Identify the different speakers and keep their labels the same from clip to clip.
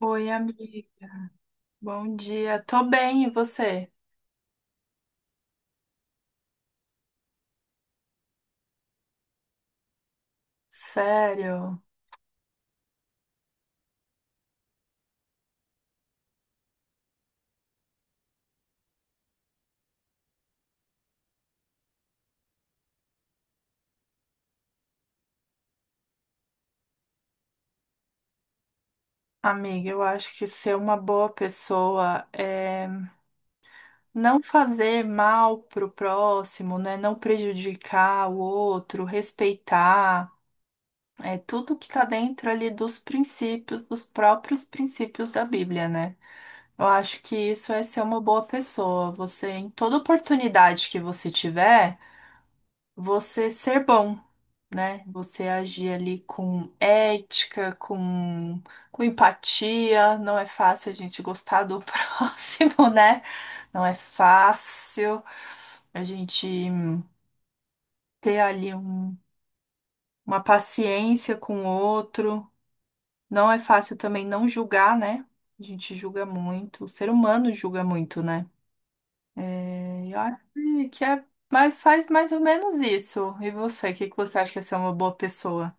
Speaker 1: Oi, amiga. Bom dia. Tô bem, e você? Sério, amiga, eu acho que ser uma boa pessoa é não fazer mal pro próximo, né? Não prejudicar o outro, respeitar. É tudo que tá dentro ali dos princípios, dos próprios princípios da Bíblia, né? Eu acho que isso é ser uma boa pessoa. Você, em toda oportunidade que você tiver, você ser bom. Né? Você agir ali com ética, com empatia. Não é fácil a gente gostar do próximo, né? Não é fácil a gente ter ali uma paciência com o outro. Não é fácil também não julgar, né? A gente julga muito, o ser humano julga muito, né? É, eu acho que é, mas faz mais ou menos isso. E você, o que que você acha que é ser uma boa pessoa?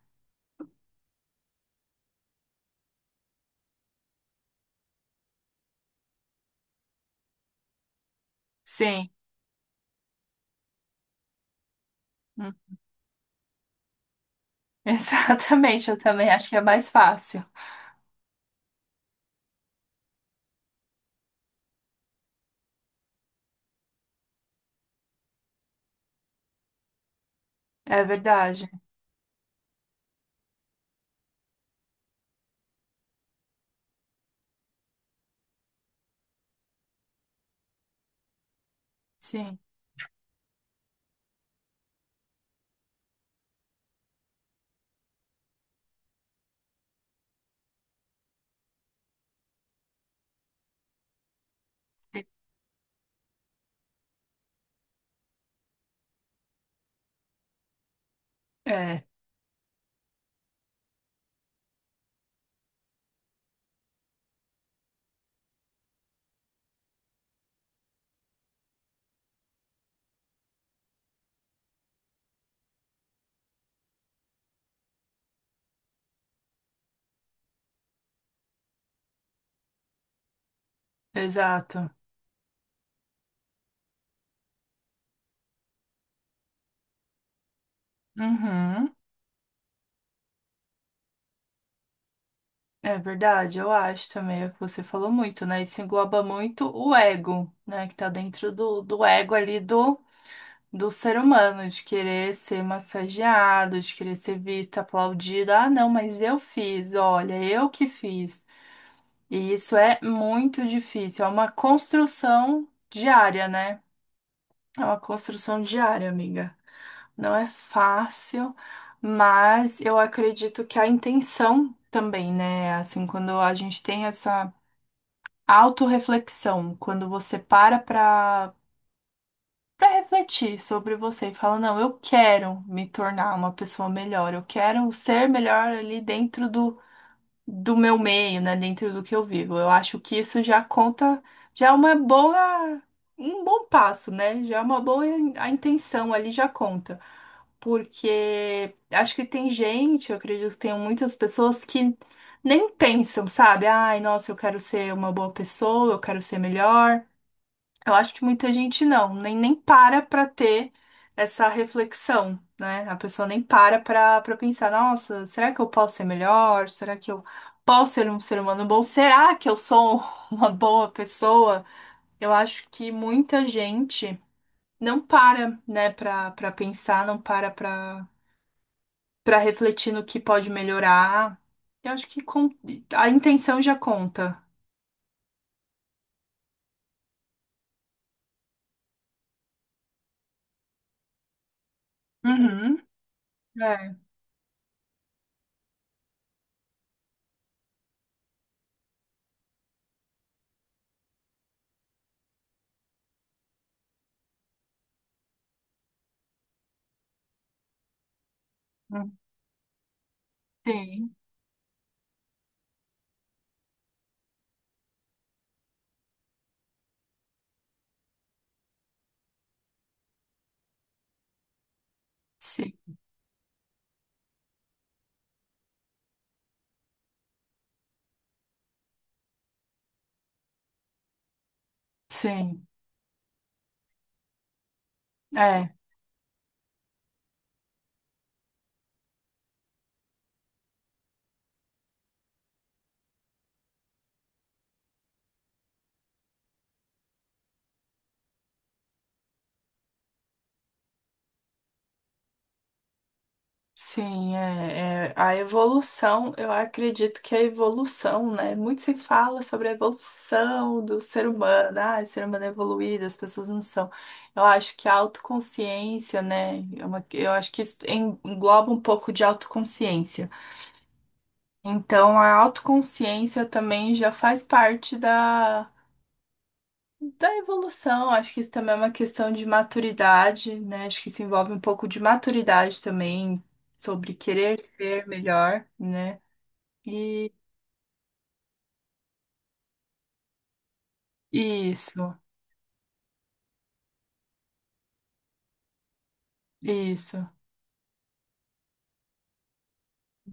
Speaker 1: Sim. Exatamente, eu também acho que é mais fácil. É verdade. Sim. É, exato. Uhum. É verdade, eu acho também. Você falou muito, né? Isso engloba muito o ego, né? Que tá dentro do, do ego ali do, do ser humano, de querer ser massageado, de querer ser visto, aplaudido. Ah, não, mas eu fiz, olha, eu que fiz. E isso é muito difícil, é uma construção diária, né? É uma construção diária, amiga. Não é fácil, mas eu acredito que a intenção também, né? Assim, quando a gente tem essa autorreflexão, quando você para pra refletir sobre você e fala, não, eu quero me tornar uma pessoa melhor, eu quero ser melhor ali dentro do meu meio, né, dentro do que eu vivo. Eu acho que isso já conta, já é uma boa, um bom passo, né? Já é uma boa a intenção ali já conta. Porque acho que tem gente, eu acredito que tem muitas pessoas que nem pensam, sabe? Ai, nossa, eu quero ser uma boa pessoa, eu quero ser melhor. Eu acho que muita gente nem para para ter essa reflexão, né? A pessoa nem para para pensar, nossa, será que eu posso ser melhor? Será que eu posso ser um ser humano bom? Será que eu sou uma boa pessoa? Eu acho que muita gente não para, né, para para pensar, não para para refletir no que pode melhorar. Eu acho que a intenção já conta. Uhum. É. Sim, sim, sim. É. Sim, a evolução, eu acredito que a evolução, né? Muito se fala sobre a evolução do ser humano, ah, o ser humano é evoluído, as pessoas não são. Eu acho que a autoconsciência, né? é eu acho que isso engloba um pouco de autoconsciência. Então, a autoconsciência também já faz parte da evolução, acho que isso também é uma questão de maturidade, né? Acho que isso envolve um pouco de maturidade também, sobre querer ser melhor, né? E isso, isso.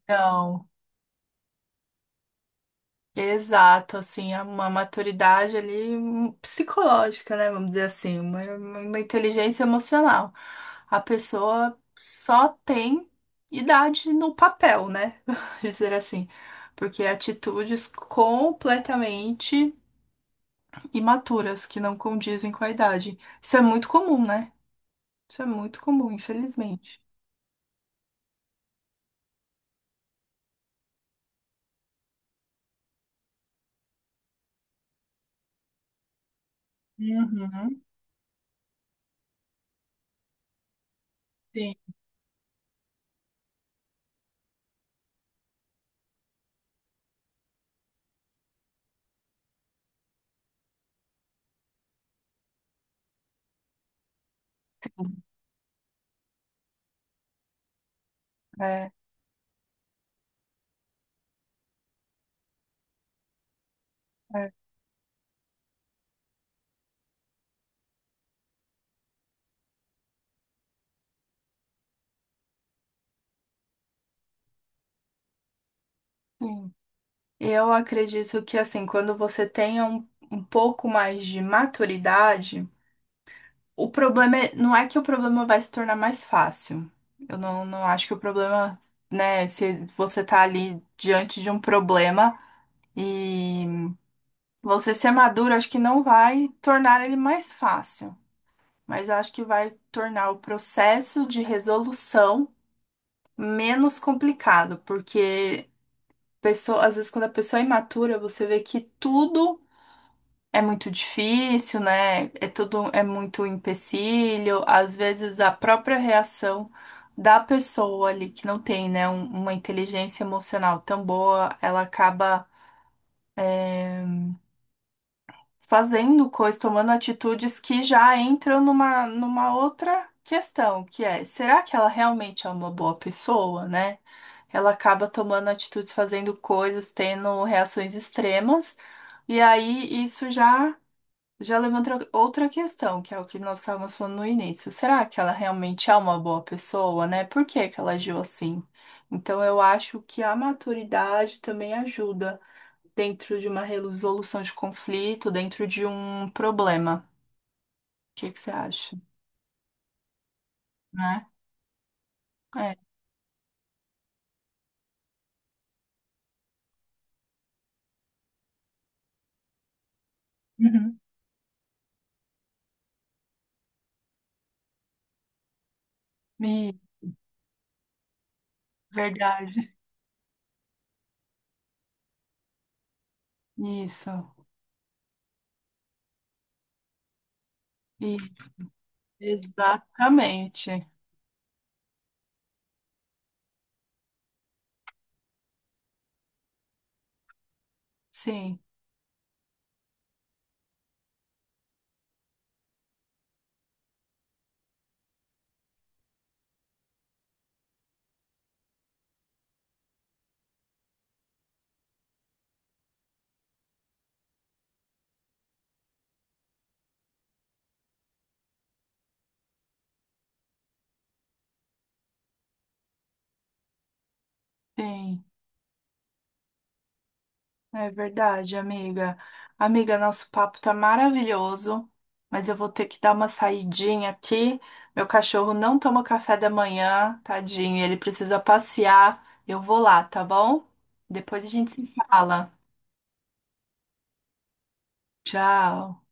Speaker 1: Não, exato, assim, é uma maturidade ali psicológica, né? Vamos dizer assim, uma inteligência emocional. A pessoa só tem idade no papel, né? dizer assim, porque atitudes completamente imaturas, que não condizem com a idade. Isso é muito comum, né? Isso é muito comum, infelizmente. Uhum, sim. É, é, sim. Eu acredito que, assim, quando você tenha um pouco mais de maturidade, o problema é, não é que o problema vai se tornar mais fácil. Eu não acho que o problema, né, se você tá ali diante de um problema e você ser maduro, acho que não vai tornar ele mais fácil. Mas eu acho que vai tornar o processo de resolução menos complicado, porque pessoa, às vezes quando a pessoa é imatura, você vê que tudo é muito difícil, né? É tudo é muito empecilho, às vezes a própria reação da pessoa ali que não tem, né, uma inteligência emocional tão boa, ela acaba eh, fazendo coisas, tomando atitudes que já entram numa, numa outra questão, que é, será que ela realmente é uma boa pessoa, né? Ela acaba tomando atitudes, fazendo coisas, tendo reações extremas, e aí isso já levanta outra questão, que é o que nós estávamos falando no início. Será que ela realmente é uma boa pessoa, né? Por que que ela agiu assim? Então eu acho que a maturidade também ajuda dentro de uma resolução de conflito, dentro de um problema. O que que você acha, né? É. Uhum. E- verdade. Isso. E exatamente. Sim, sim. É verdade, amiga. Amiga, nosso papo tá maravilhoso, mas eu vou ter que dar uma saidinha aqui. Meu cachorro não toma café da manhã, tadinho, ele precisa passear. Eu vou lá, tá bom? Depois a gente se fala. Tchau.